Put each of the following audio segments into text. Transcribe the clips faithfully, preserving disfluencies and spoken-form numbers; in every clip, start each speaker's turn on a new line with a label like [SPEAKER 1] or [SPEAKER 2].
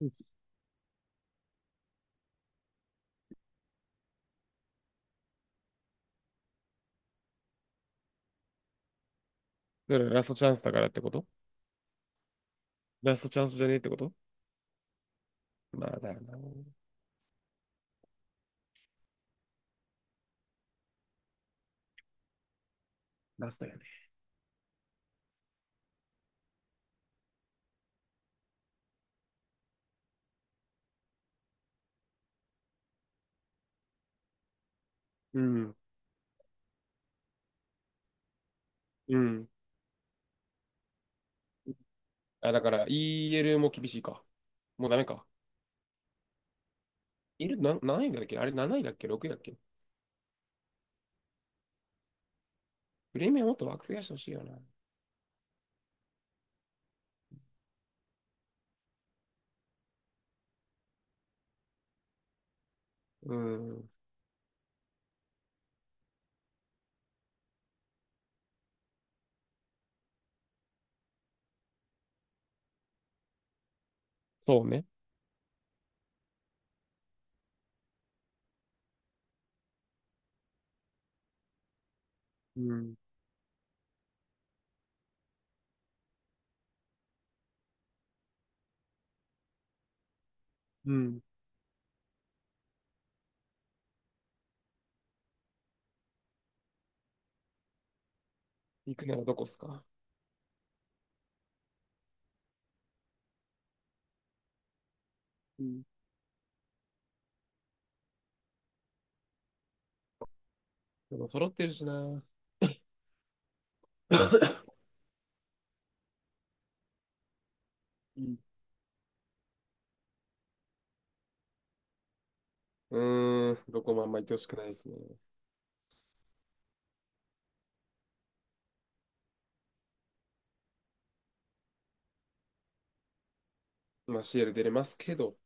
[SPEAKER 1] うん。だからラストチャンスだからってこと？ラストチャンスじゃねえってこと？まあだよな。ラストやね。うん。うん。あ、だから イーエル も厳しいか。もうダメか。いる、な、何位だっけ？あれなないだっけ？ ろく 位だっけ？プレミアもっと枠増やしてほしいよな。うん。そうね。うん。うん。行くならどこっすか？うん。でも揃ってるしな。うん。うーん。どこもあんま行ってほしくないですね。まあ シーエル 出れますけど。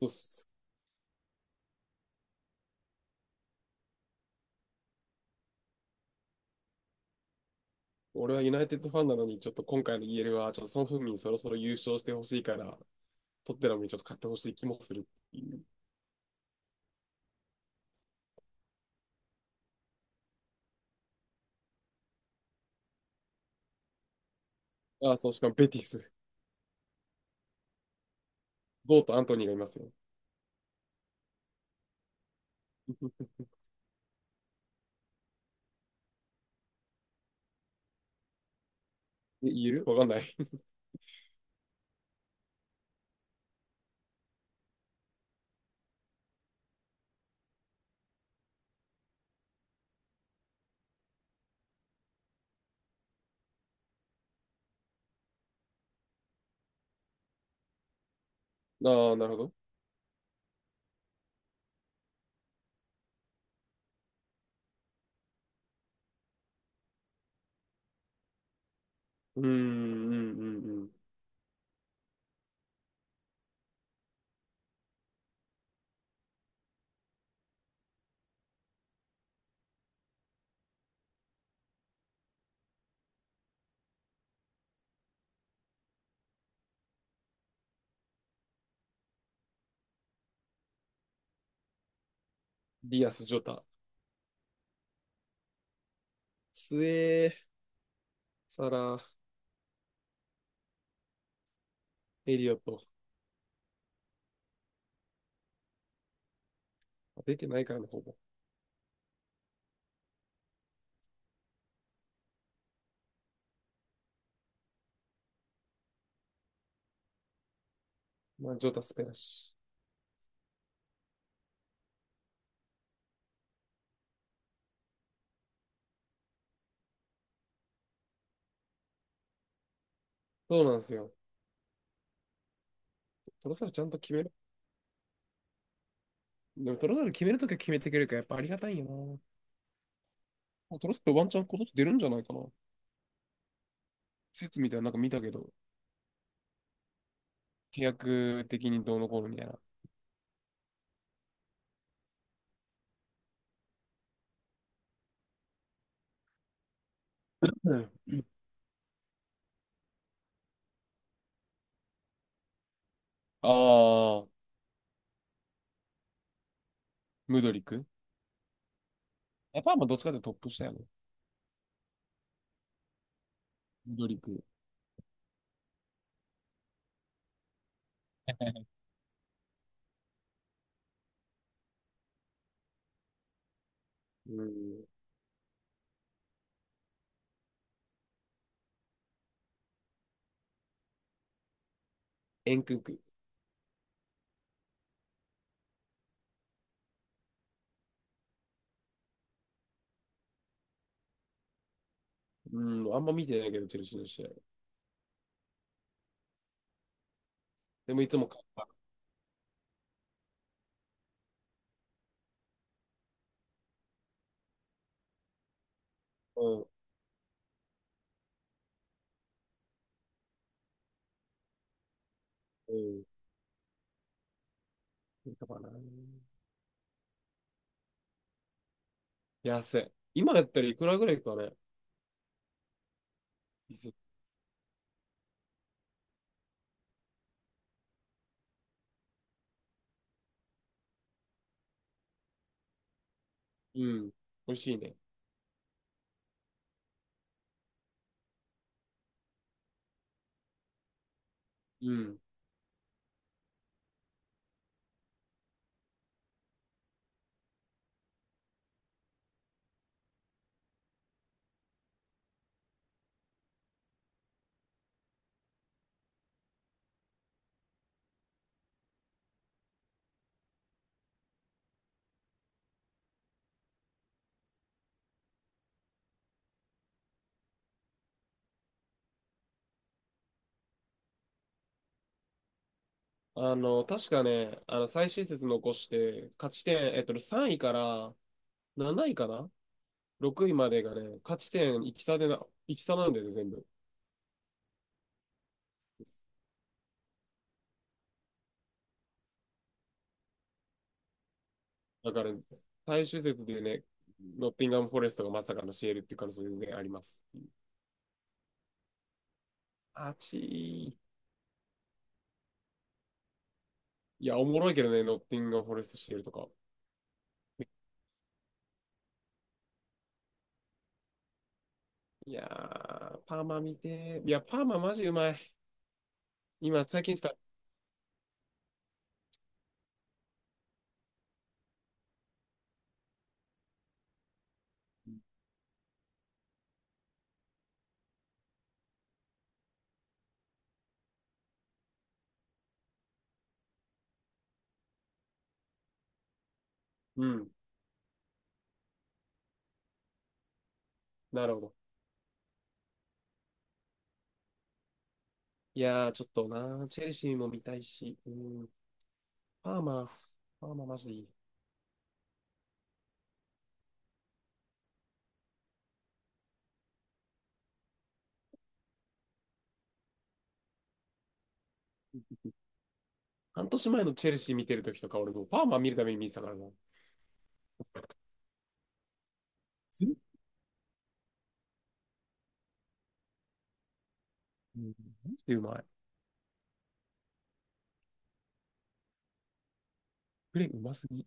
[SPEAKER 1] そうっす。俺はユナイテッドファンなのに、ちょっと今回のイーエルは、ちょっとソン・フンミンそろそろ優勝してほしいから、トッテナムにちょっと勝ってほしい気もするっていう。ああ、そう、しかもベティス。ゴーとアントニーがいますよ。で、イーエルわかんない。ああ、なるほど。うーん、うん、うん、うん。ディアス・ジョタ。スエー、サラ、エリオット。あ出てないからね、ほぼ。まあ、ジョタ、スペラシ。そうなんですよ。トロサルちゃんと決める。でもトロサル決めるときは決めてくれるから、やっぱありがたいよな。あトロサルワンチャン今年出るんじゃないかな。説みたいななんか見たけど。契約的にどうのこうのみたいな。うん。ああ、ムドリク。やっぱまあどっちかっていうとトップ下やね。ムドリク。うん。エンクンク。うん。あんま見てないけど、チェルシーの試合。でもいつも買った。うん。うん。見たかな。安い。今やったらいくらぐらいかね。いつ。うん。美味しいね。うん。あの、確かね、あの、最終節残して、勝ち点、えっと、さんいからなないかな？ ろく 位までがね、勝ち点いち差でな、いち差なんだよね、全部。だから、最終節でね、ノッティンガム・フォレストがまさかのシエルっていう可能性全然あります。あちー。いや、おもろいけどね、ノッティンガム・フォレスト、シエルとか。いやー、パーマ見てー。いや、パーママジうまい。今、最近した。うん、なるほど。いやー、ちょっとなー、チェルシーも見たいし、うん、パーマ、パーママジでいい。半年前のチェルシー見てる時とか、俺もうパーマ見るために見てたからな。すうん、マジでうまい。プレーうますぎ。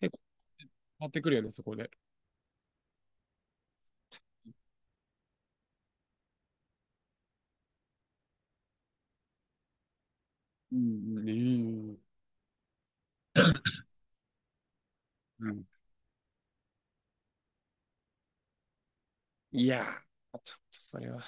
[SPEAKER 1] 結構変わってくるよね、そこで。うん、うん。えーうん。いやー、あちょっとそれは。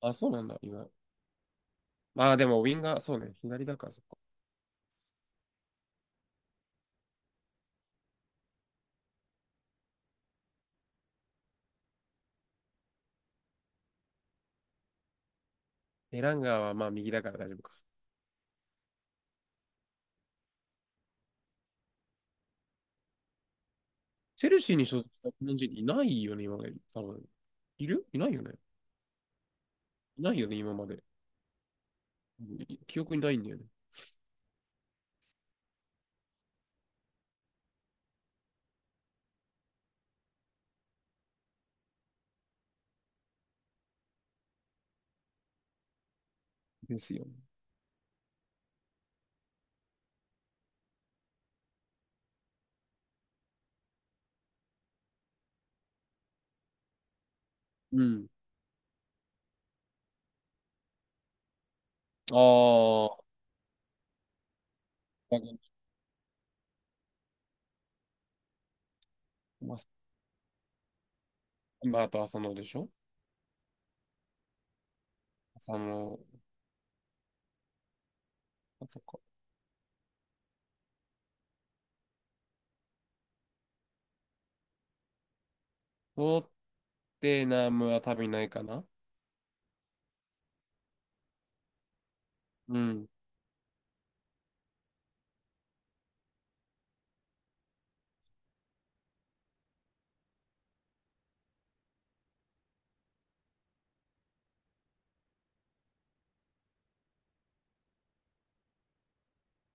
[SPEAKER 1] あ、そうなんだ、今。まあでも、ウィンガー、そうね、左だから、そっか。エランガーはまあ右だから大丈夫か。チェルシーに所属した日本人っていないよね、今まで。多分。いるいないよね。いないよね、今まで。うん、記憶にないんだよね。ですよね。うん。ああ、まあ、まあ、あと浅のでしょ？サ野、あそこ。ロッテナムは多分いないかな。うん。